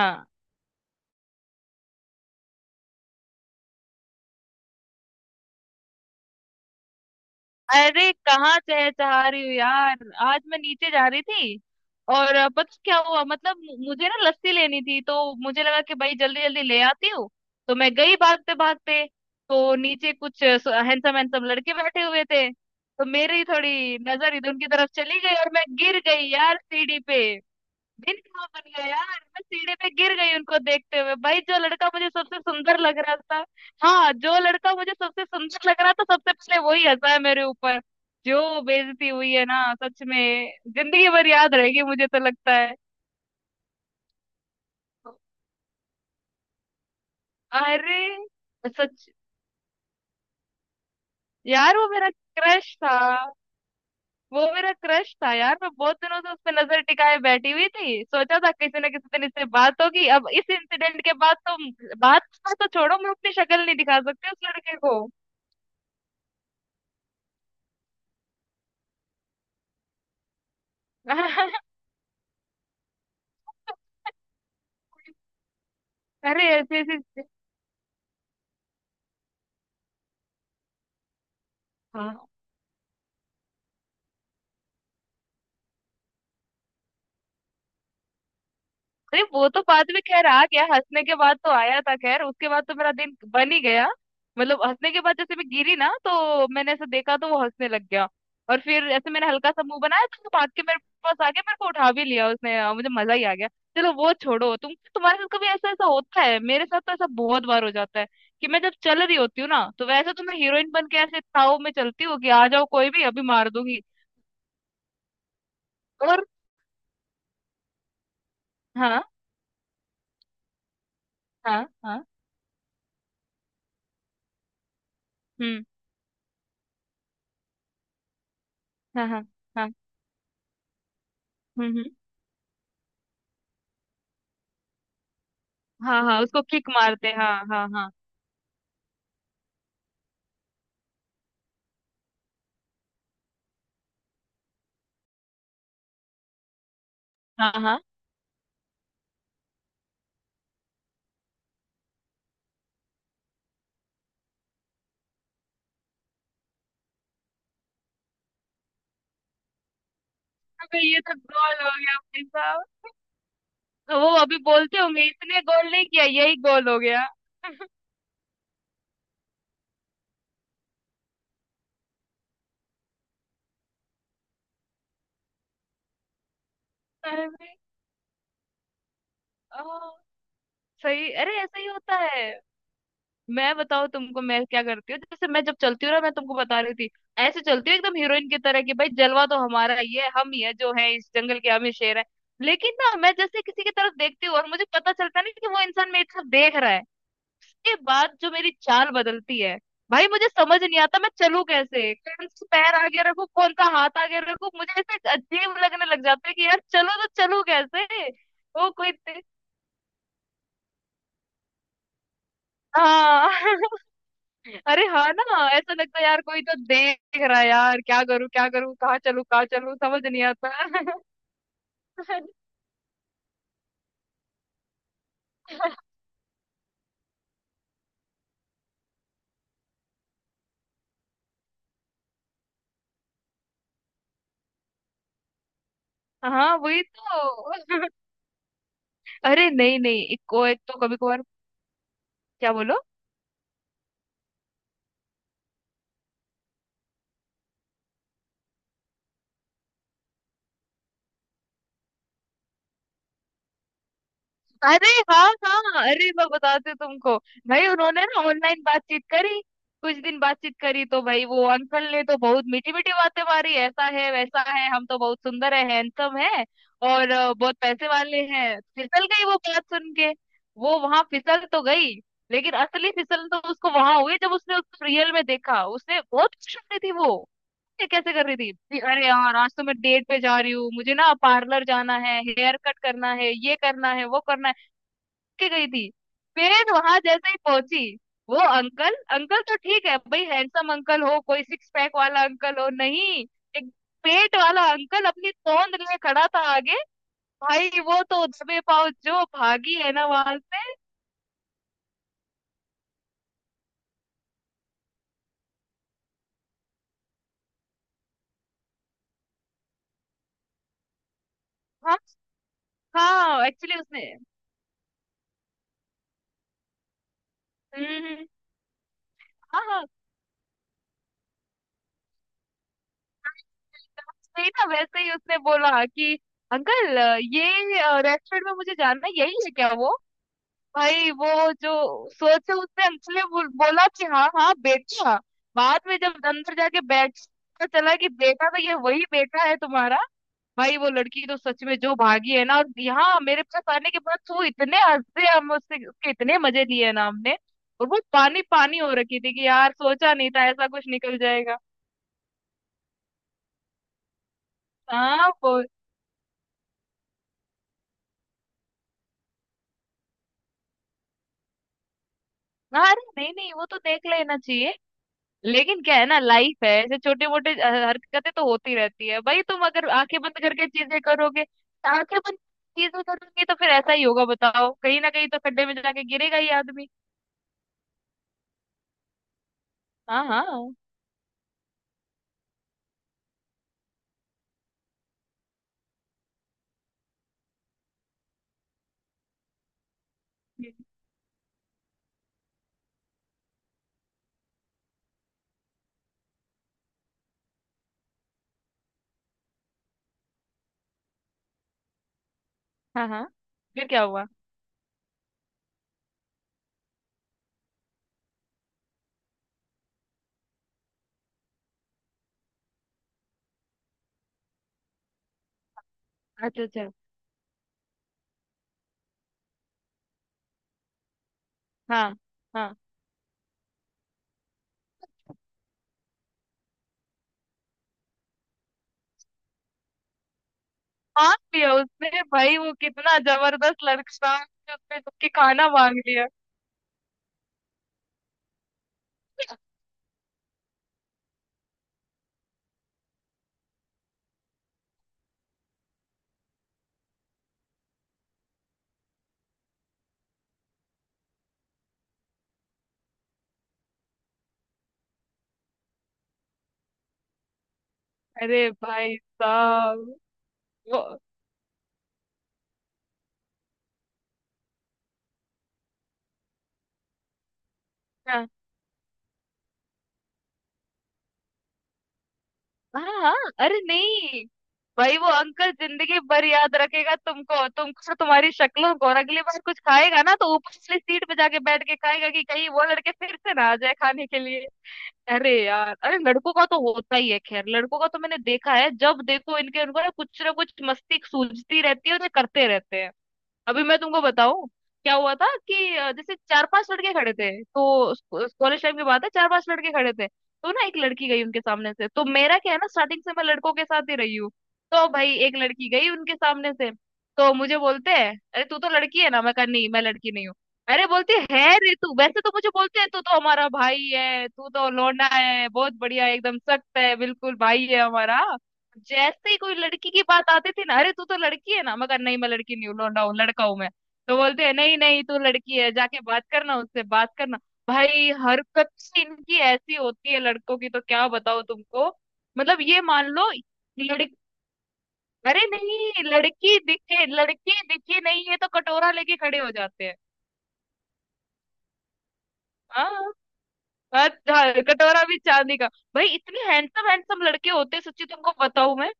हाँ। अरे कहाँ चहचहा रही हूँ यार। आज मैं नीचे जा रही थी और पता है क्या हुआ? मतलब मुझे ना लस्सी लेनी थी, तो मुझे लगा कि भाई जल्दी जल्दी ले आती हूँ। तो मैं गई भागते भागते। तो नीचे कुछ हैंडसम हैंडसम लड़के बैठे हुए थे, तो मेरी थोड़ी नजर इधर उनकी तरफ चली गई और मैं गिर गई यार सीढ़ी पे। दिन कहाँ बन गया यार, मैं सीढ़ी पे गिर गई उनको देखते हुए। भाई जो लड़का मुझे सबसे सुंदर लग रहा था, हाँ जो लड़का मुझे सबसे सुंदर लग रहा था सबसे पहले वही हंसा है मेरे ऊपर। जो बेइज्जती हुई है ना, सच में जिंदगी भर याद रहेगी मुझे तो लगता है। अरे, सच। यार वो मेरा क्रश था। वो मेरा क्रश था यार, मैं बहुत दिनों से उस पर नजर टिकाए बैठी हुई थी। सोचा था किसी ना किसी दिन इससे बात होगी, अब इस इंसिडेंट के बाद तो बात तो छोड़ो, मैं अपनी शक्ल नहीं दिखा सकती उस लड़के को। अरे ऐसी ऐसी। हाँ। अरे वो तो बाद में खैर आ गया, हंसने के बाद तो आया था खैर, उसके बाद तो मेरा दिन बन ही गया। मतलब हंसने के बाद जैसे मैं गिरी ना तो मैंने ऐसे देखा तो वो हंसने लग गया। और फिर ऐसे मैंने हल्का सा मुंह बनाया तो भाग के मेरे पास आ गया, मेरे को उठा भी लिया उसने। मुझे मजा ही आ गया। चलो वो छोड़ो, तुम तुम्हारे साथ कभी ऐसा ऐसा होता है? मेरे साथ तो ऐसा बहुत बार हो जाता है कि मैं जब चल रही होती हूँ ना, तो वैसे तो मैं हीरोइन बन के ऐसे ताव में चलती हूँ कि आ जाओ कोई भी अभी मार दूंगी। और हाँ हाँ हाँ। हम्म। हाँ हाँ हाँ। हम्म हम्म। हाँ हाँ उसको किक मारते हैं हाँ हाँ हाँ। हाँ हाँ। अबे ये तो गोल हो गया भाई साहब। तो वो अभी बोलते होंगे इसने गोल नहीं किया, यही गोल हो गया। अरे भाई। ओ। सही, अरे ऐसा ही होता है। मैं बताऊँ तुमको मैं क्या करती हूँ? जैसे मैं जब चलती हूँ ना, मैं तुमको बता रही थी, ऐसे चलती हूँ एकदम हीरोइन की तरह कि भाई जलवा तो हमारा ही है, हम ही है जो है इस जंगल के, हम ही शेर है। लेकिन ना मैं जैसे किसी की तरफ देखती हूँ और मुझे पता चलता नहीं कि वो इंसान मेरी तरफ देख रहा है, ये बात जो मेरी चाल बदलती है। भाई मुझे समझ नहीं आता मैं चलूं कैसे, कौन सा पैर आगे रखूं, कौन सा हाथ आगे रखूं, मुझे ऐसे अजीब लगने लग जाता है कि यार चलो तो चलूं कैसे। वो कोई दे- हाँ। अरे हाँ ना, ऐसा लगता है यार कोई तो देख रहा है यार, क्या करूं क्या करूं, कहाँ चलूं समझ नहीं आता। हाँ वही तो। अरे नहीं नहीं, एक को एक तो कभी कभार। क्या बोलो? अरे हाँ हाँ, अरे मैं बताती हूँ तुमको। भाई उन्होंने ना ऑनलाइन बातचीत करी, कुछ दिन बातचीत करी, तो भाई वो अंकल ने तो बहुत मीठी मीठी बातें मारी, ऐसा है वैसा है, हम तो बहुत सुंदर है हैंडसम है और बहुत पैसे वाले हैं, फिसल गई वो बात सुन के। वो वहां फिसल तो गई लेकिन असली फिसल तो उसको वहां हुई जब उसने उसको रियल में देखा। उसने बहुत खुश हो रही थी वो, ये कैसे कर रही थी कि अरे यार आज तो मैं डेट पे जा रही हूँ, मुझे ना पार्लर जाना है, हेयर कट करना है, ये करना है वो करना है, के गई थी। फिर वहां जैसे ही पहुंची, वो अंकल, अंकल तो ठीक है भाई, हैंडसम अंकल हो, कोई सिक्स पैक वाला अंकल हो, नहीं। एक पेट वाला अंकल अपनी तोंद लिए खड़ा था आगे। भाई वो तो दबे पाँव जो भागी है ना वहां से। हम। हाँ एक्चुअली उसने। हम्म। हाँ हाँ सही ना, वैसे ही उसने बोला कि अंकल ये रेस्टोरेंट में मुझे जानना है, यही है क्या वो? भाई वो जो सोचा उसने, अंशु ने बोला कि हाँ हाँ बेटा। बाद में जब अंदर जाके बैठ पता चला कि बेटा तो ये वही बेटा है तुम्हारा। भाई वो लड़की तो सच में जो भागी है ना, और यहाँ मेरे पास आने के बाद वो इतने हंसे हम उससे, उसके इतने मजे लिए हैं ना हमने। और वो पानी पानी हो रखी थी कि यार सोचा नहीं था ऐसा कुछ निकल जाएगा। हाँ वो। हाँ अरे नहीं नहीं, वो तो देख लेना चाहिए। लेकिन क्या है ना, लाइफ है, ऐसे छोटे मोटे हरकतें तो होती रहती है। भाई तुम अगर आंखें बंद करके चीजें करोगे, आंखें बंद चीजें करोगे तो फिर ऐसा ही होगा, बताओ कहीं ना कहीं तो खड्डे में जाके गिरेगा ही आदमी। हाँ हाँ हाँ हाँ, फिर क्या हुआ? अच्छा अच्छा। हाँ हाँ। मांग लिया उसने, भाई वो कितना जबरदस्त लड़का था, उसने उसके खाना मांग लिया। अरे भाई साहब। वो हाँ। हाँ हाँ। अरे नहीं। भाई वो अंकल जिंदगी भर याद रखेगा तुमको तुमको और तुम्हारी शक्लों को, और अगली बार कुछ खाएगा ना तो ऊपर वाली सीट पे जाके बैठ के खाएगा कि कहीं वो लड़के फिर से ना आ जाए खाने के लिए। अरे यार अरे, लड़कों का तो होता ही है खैर, लड़कों का तो मैंने देखा है जब देखो इनके उनको ना कुछ मस्ती सूझती रहती है और ये करते रहते हैं। अभी मैं तुमको बताऊं, क्या हुआ था कि जैसे 4-5 लड़के खड़े थे, तो कॉलेज टाइम की बात है, 4-5 लड़के खड़े थे तो ना एक लड़की गई उनके सामने से, तो मेरा क्या है ना स्टार्टिंग से मैं लड़कों के साथ ही रही हूँ। तो भाई एक लड़की गई उनके सामने से, तो मुझे बोलते हैं अरे तू तो लड़की है ना। मैं कहा नहीं मैं लड़की नहीं हूँ। अरे बोलती "है रे तू, वैसे तो मुझे बोलते हैं तू तो हमारा भाई है, तू तो लौंडा है, बहुत बढ़िया है, एकदम सख्त है, बिल्कुल भाई है हमारा, जैसे ही कोई लड़की की बात आती थी ना, अरे तू तो लड़की है ना। मैं कहा नहीं मैं लड़की नहीं हूँ, लौंडा हूँ लड़का हूँ मैं। तो बोलते हैं नहीं नहीं तू लड़की है, जाके बात करना उससे बात करना। भाई हरकत ही इनकी ऐसी होती है लड़कों की, तो क्या बताओ तुमको। मतलब ये मान लो लड़की, अरे नहीं लड़की दिखे, लड़की दिखी नहीं है तो कटोरा लेके खड़े हो जाते हैं। हाँ हाँ, हाँ, कटोरा भी चांदी का। भाई इतने हैंडसम हैंडसम लड़के होते हैं, सच्ची तुमको बताऊं मैं।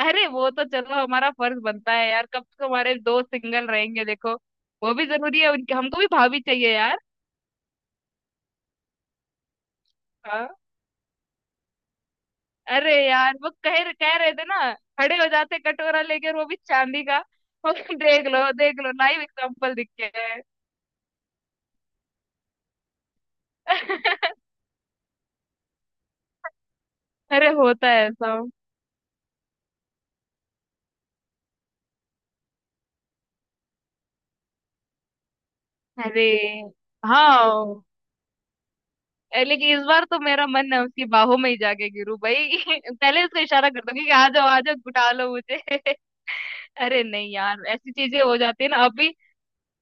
अरे वो तो चलो हमारा फर्ज बनता है यार, कब तक हमारे दोस्त सिंगल रहेंगे, देखो वो भी जरूरी है, उनके हमको भी भाभी चाहिए यार। हाँ, अरे यार वो कह कह रहे थे ना, खड़े हो जाते कटोरा लेकर वो भी चांदी का। और देख लो लाइव एग्जांपल दिख गया है। अरे होता है ऐसा। अरे हाँ। ए, लेकिन इस बार तो मेरा मन है उसकी बाहों में ही जाके गिरू भाई। पहले उसको इशारा कर दूंगी कि आ जाओ गुटा लो मुझे। अरे नहीं यार, ऐसी चीजें हो जाती है ना। अभी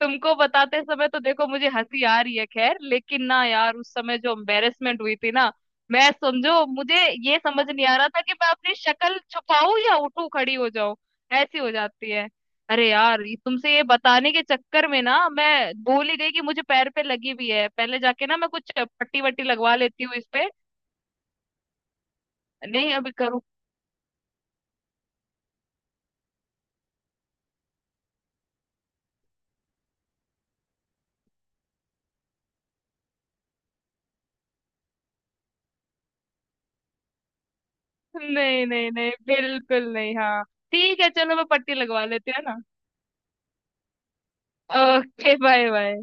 तुमको बताते समय तो देखो मुझे हंसी आ रही है खैर, लेकिन ना यार उस समय जो एम्बेरसमेंट हुई थी ना, मैं समझो मुझे ये समझ नहीं आ रहा था कि मैं अपनी शक्ल छुपाऊं या उठूं खड़ी हो जाऊं। ऐसी हो जाती है। अरे यार तुमसे ये बताने के चक्कर में ना मैं भूल ही गई कि मुझे पैर पे लगी भी है, पहले जाके ना मैं कुछ पट्टी वट्टी लगवा लेती हूँ इस पे। नहीं अभी करूँ। नहीं नहीं नहीं, बिल्कुल नहीं। हाँ, ठीक है चलो मैं पट्टी लगवा लेती हूँ है ना। Okay bye bye.